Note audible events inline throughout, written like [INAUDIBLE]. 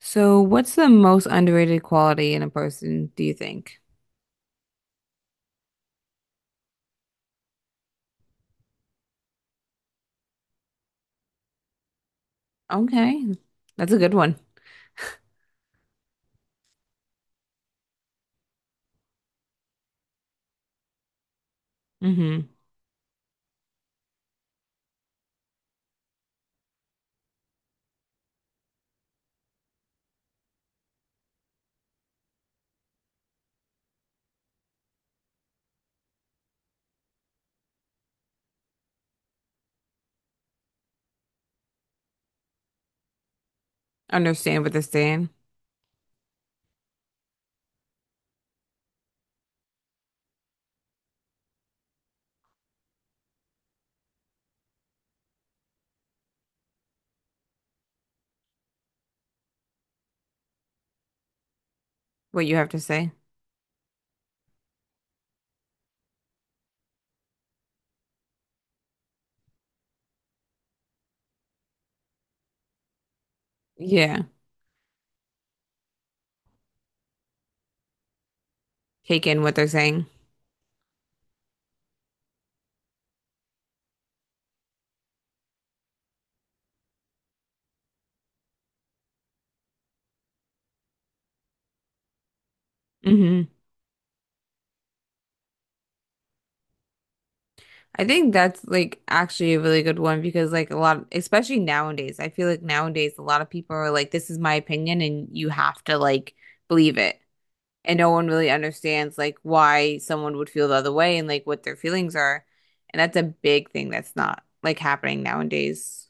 So, what's the most underrated quality in a person, do you think? Okay, that's a good one. Mm-hmm. Understand what they're saying, what you have to say. Yeah, take in what they're saying. Mm-hmm. I think that's like actually a really good one because, like, a lot, especially nowadays, I feel like nowadays a lot of people are like, this is my opinion, and you have to like believe it. And no one really understands like why someone would feel the other way and like what their feelings are. And that's a big thing that's not like happening nowadays.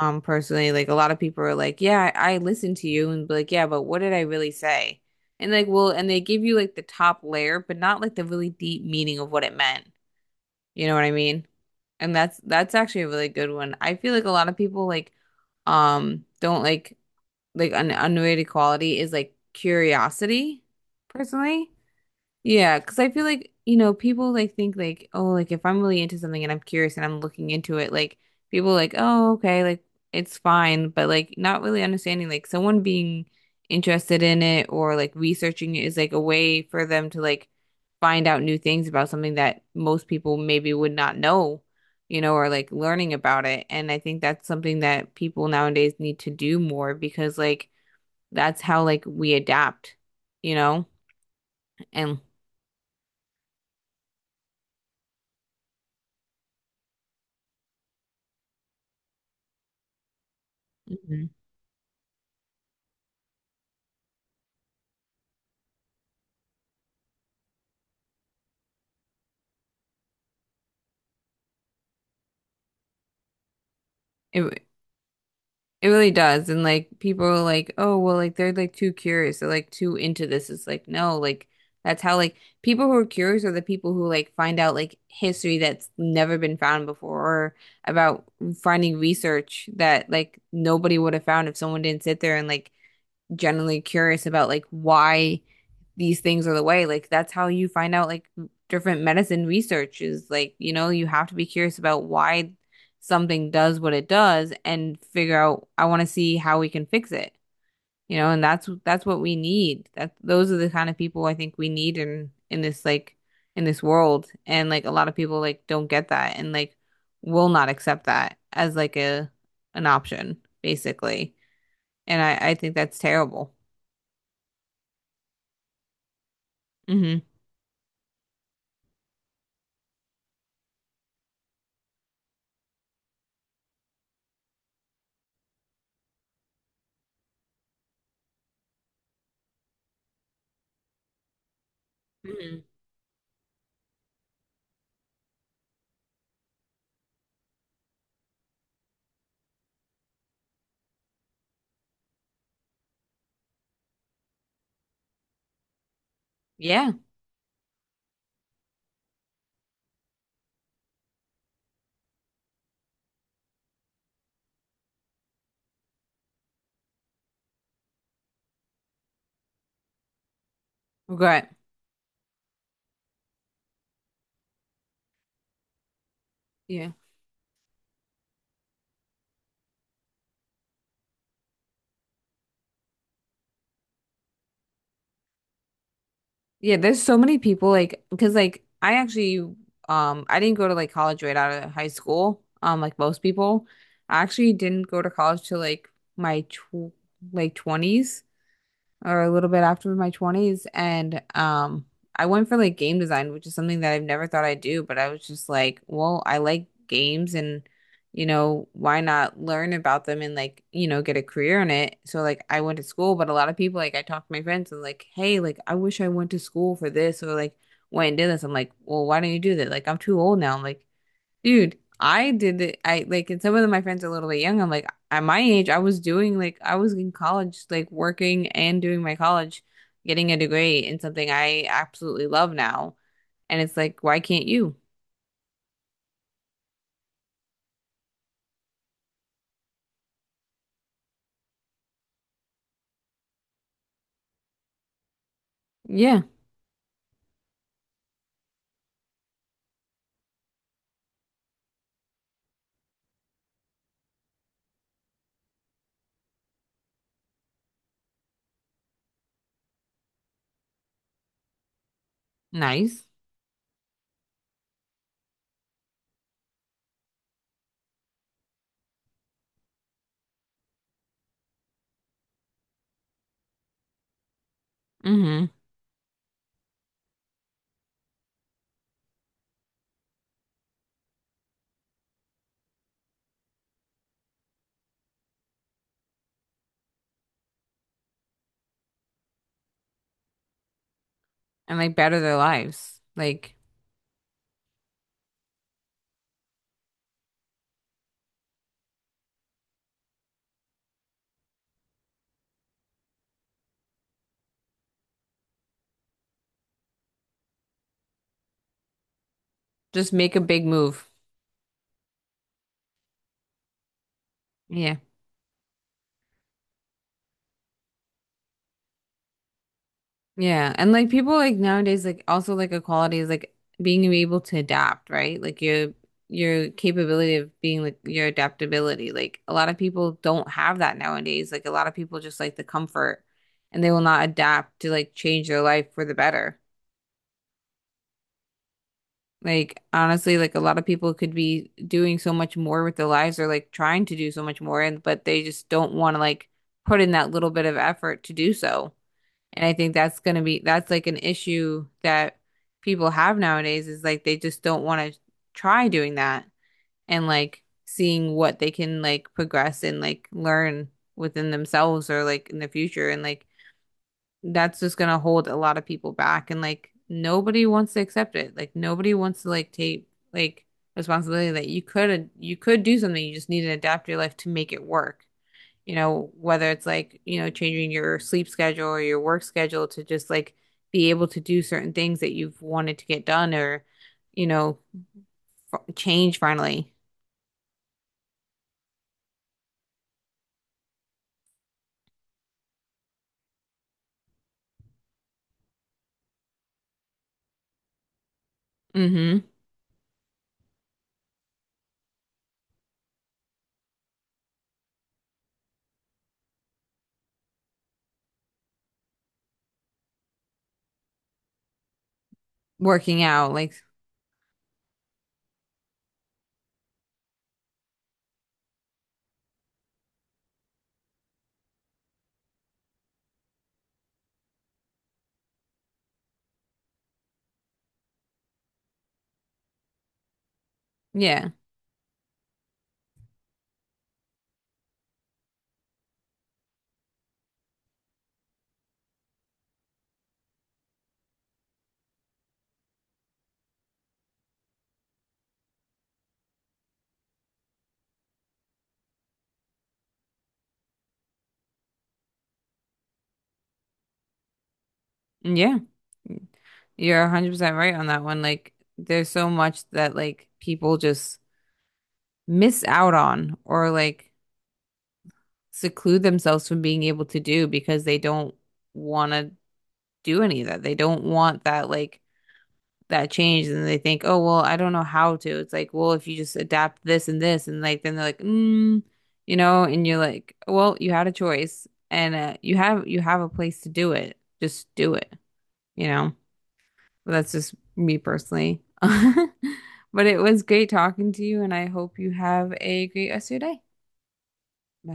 Personally, like a lot of people are like yeah I listened to you and be like yeah but what did I really say, and like well and they give you like the top layer but not like the really deep meaning of what it meant, you know what I mean, and that's actually a really good one. I feel like a lot of people like don't like an underrated quality is like curiosity personally. Yeah, because I feel like, you know, people like think like, oh, like if I'm really into something and I'm curious and I'm looking into it, like people like, oh, okay, like it's fine, but like not really understanding like someone being interested in it or like researching it is like a way for them to like find out new things about something that most people maybe would not know, you know, or like learning about it. And I think that's something that people nowadays need to do more because like that's how like we adapt, you know, and Mhm. It, It really does. And like people are like, oh, well, like they're like too curious. They're like too into this. It's like, no, like that's how like people who are curious are the people who like find out like history that's never been found before, or about finding research that like nobody would have found if someone didn't sit there and like generally curious about like why these things are the way. Like that's how you find out like different medicine research is like, you know, you have to be curious about why something does what it does and figure out I want to see how we can fix it. You know, and that's what we need. That those are the kind of people I think we need in this like in this world. And like a lot of people like don't get that and like will not accept that as like a an option, basically. And I think that's terrible. Mm-hmm. Mm-hmm. Yeah. Regret. Yeah. Yeah, there's so many people like because like I actually I didn't go to like college right out of high school like most people. I actually didn't go to college till like my tw like 20s or a little bit after my 20s, and I went for like game design, which is something that I've never thought I'd do, but I was just like, well, I like games and, you know, why not learn about them and like, you know, get a career in it. So like I went to school, but a lot of people like I talked to my friends and like, hey, like I wish I went to school for this or like went and did this. I'm like, well, why don't you do that? Like I'm too old now. I'm like, dude, I did it. I like, and some of my friends are a little bit young. I'm like, at my age, I was doing like, I was in college, like working and doing my college, getting a degree in something I absolutely love now. And it's like, why can't you? Yeah, nice. Mm-hmm. And like, better their lives. Like, just make a big move. Yeah. Yeah, and like people like nowadays like also like a quality is like being able to adapt, right? Like your capability of being like your adaptability. Like a lot of people don't have that nowadays. Like a lot of people just like the comfort and they will not adapt to like change their life for the better. Like honestly, like a lot of people could be doing so much more with their lives or like trying to do so much more, and but they just don't want to like put in that little bit of effort to do so. And I think that's going to be, that's like an issue that people have nowadays is like they just don't want to try doing that and like seeing what they can like progress and like learn within themselves or like in the future. And like that's just going to hold a lot of people back. And like nobody wants to accept it. Like nobody wants to like take like responsibility that you could do something. You just need to adapt your life to make it work, you know, whether it's like, you know, changing your sleep schedule or your work schedule to just like be able to do certain things that you've wanted to get done or, you know, f change finally. Hmm. Working out, like, yeah, yeah. You're 100% right on that one. Like, there's so much that like people just miss out on or like seclude themselves from being able to do because they don't want to do any of that. They don't want that like that change and they think, oh, well, I don't know how to. It's like, well, if you just adapt this and this, and like, then they're like, mm, you know, and you're like, well, you had a choice and you have a place to do it. Just do it, you know. But that's just me personally. [LAUGHS] But it was great talking to you, and I hope you have a great rest of your day. Bye.